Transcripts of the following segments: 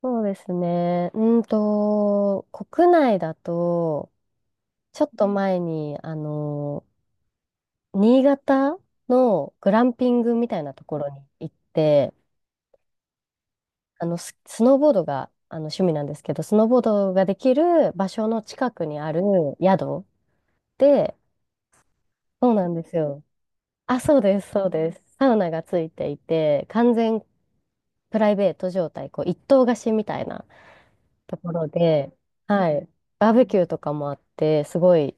そうですね。国内だと、ちょっと前に、新潟のグランピングみたいなところに行って、スノーボードが、趣味なんですけど、スノーボードができる場所の近くにある宿で、そうなんですよ。あ、そうです、そうです。サウナがついていて、完全プライベート状態、こう、一棟貸しみたいなところで、はい。バーベキューとかもあって、すごい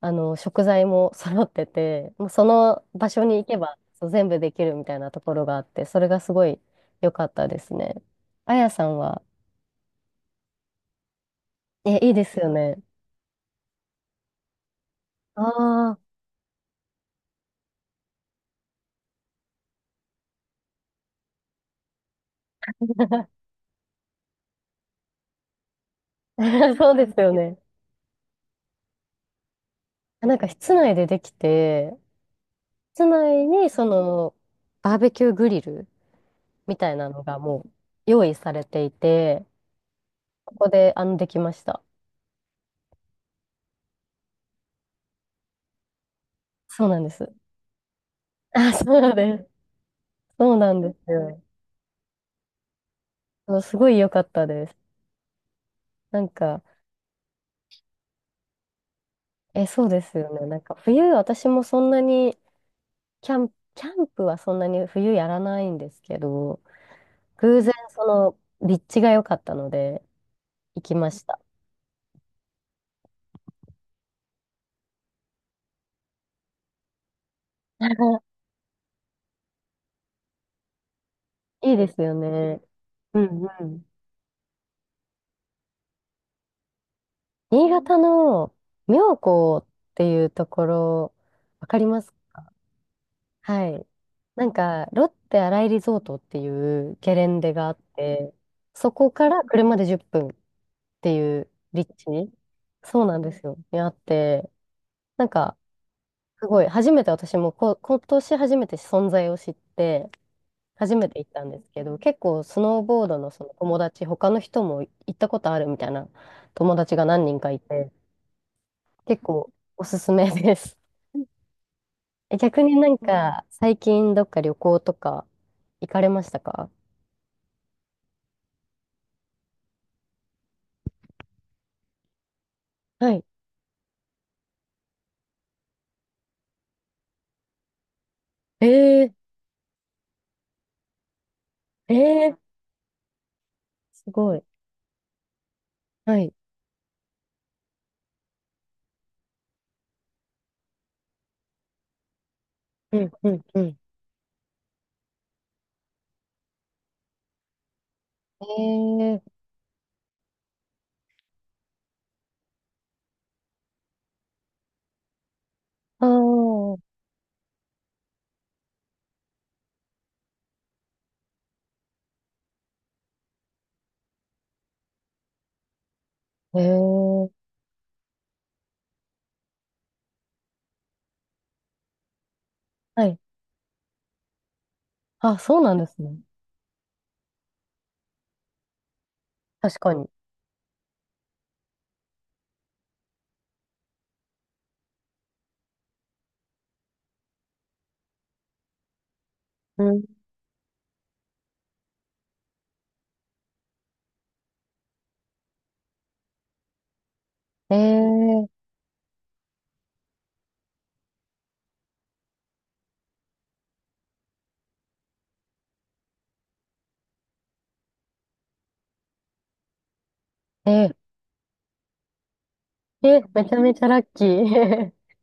食材も揃ってて、もうその場所に行けばそう全部できるみたいなところがあって、それがすごい良かったですね。あやさんは、え、いいですよね。ああ、そうですよね。なんか室内でできて、室内にそのバーベキューグリルみたいなのがもう用意されていて、ここでできました。そうなんです。あ、そうです。そうなんですよ。そうすごい良かったです。なんか、え、そうですよね。なんか冬、私もそんなに、キャン、キャンプはそんなに冬やらないんですけど、偶然その立地が良かったので行きました。いいですよね。うんうん。新潟の妙高っていうところ、わかりますか？はい。なんか、ロッテ新井リゾートっていうゲレンデがあって、そこから車で10分っぷんっていう立地、そうなんですよ、にあって、なんか、すごい、初めて私も今年初めて存在を知って、初めて行ったんですけど、結構スノーボードのその友達、他の人も行ったことあるみたいな友達が何人かいて、結構おすすめです。え、逆になんか、最近どっか旅行とか行かれましたか？はい。えー、えー、すごい。はい。うん、うん、うん。えー、あー、えー、はい。あ、そうなんですね。確かに。うんえええええ、めちゃめちゃラッキー。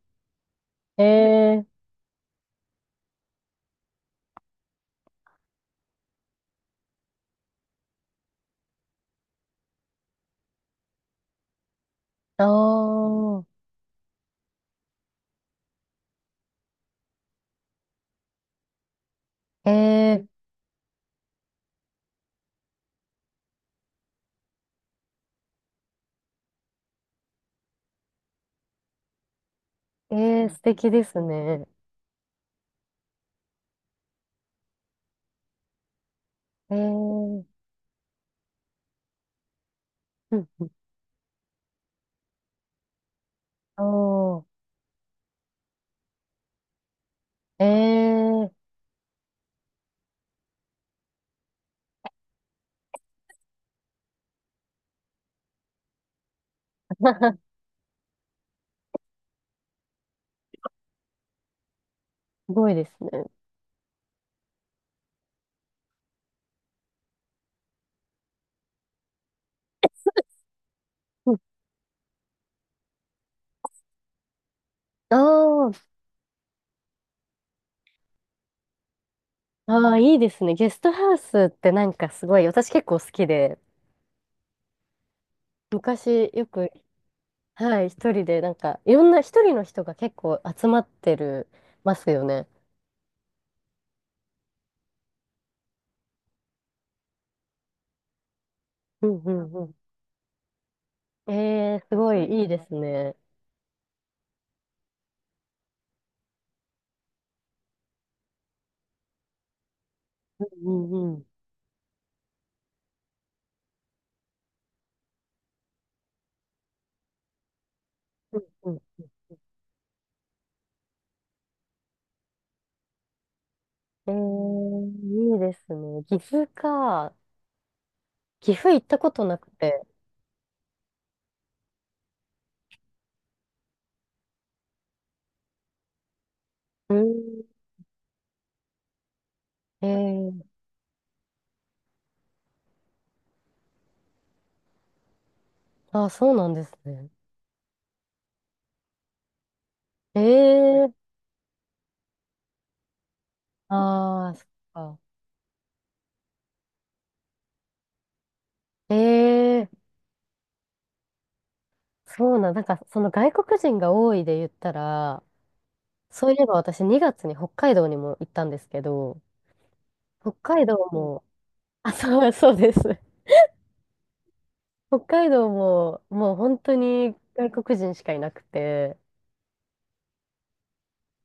ええああ、ええええ素敵ですね。ええうんうんああ、ええ すごいですね。うんああ、ああ、いいですね。ゲストハウスってなんかすごい、私結構好きで、昔よく、はい、一人でなんか、いろんな一人の人が結構集まってる、ますよね。うんうんうん。ええすごいいいですね。うんうんうんうんうん。えー、いいですね。岐阜か。岐阜行ったことなくて。うん。えー、あ、そうなんですね。えー、あー、そっか。えー、なんか、その外国人が多いで言ったら、そういえば私2月に北海道にも行ったんですけど、北海道も、あ、そう、そうです。北海道も、もう本当に外国人しかいなくて、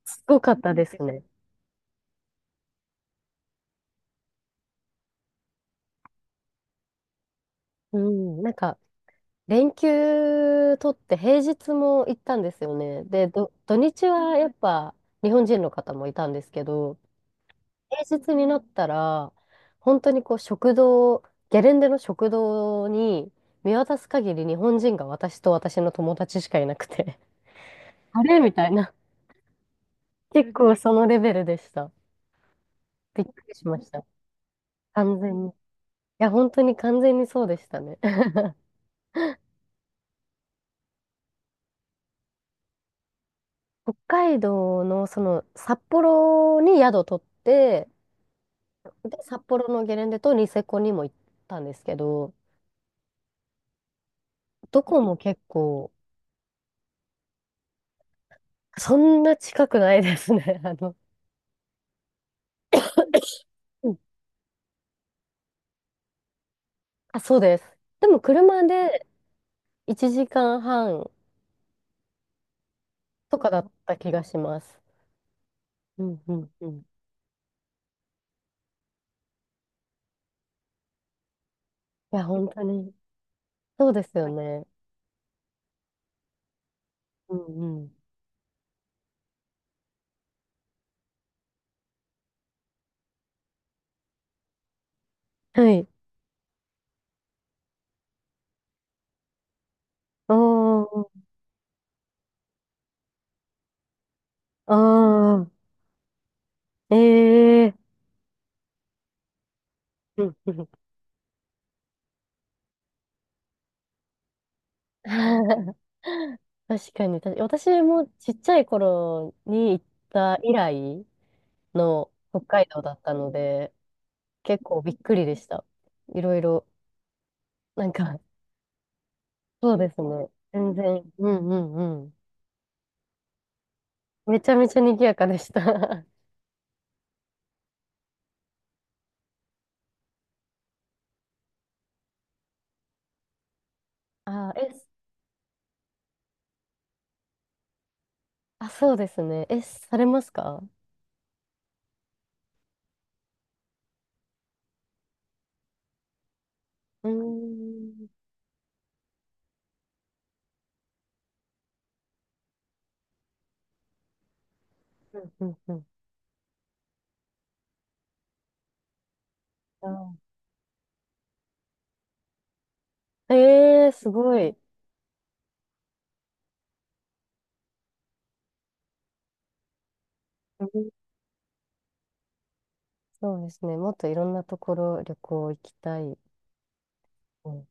すごかったですね。うん、なんか、連休取って平日も行ったんですよね。で、土日はやっぱ日本人の方もいたんですけど、平日になったら、本当にこう食堂、ゲレンデの食堂に見渡す限り日本人が私と私の友達しかいなくて、あれみたいな。結構そのレベルでした。びっくりしました。完全に。いや、本当に完全にそうでしたね。北海道のその札幌に宿取って、で、札幌のゲレンデとニセコにも行ったんですけど、どこも結構、そんな近くないですね。うんあ、そうです。でも車で1時間半とかだった気がします。うんうんうん。いや、本当に。そうですよね。うんうん。はい。おー、あー、ええー。うんうん 確かに、確かに私もちっちゃい頃に行った以来、の北海道だったので、結構びっくりでした。いろいろ、なんか、そうですね。全然、うんうんうん。めちゃめちゃ賑やかでした。あ、え、あ、そうですね。え、されますか？うーん。うんうんうん。あえー、すごい。うんそうですね。もっといろんなところ旅行行きたい。うん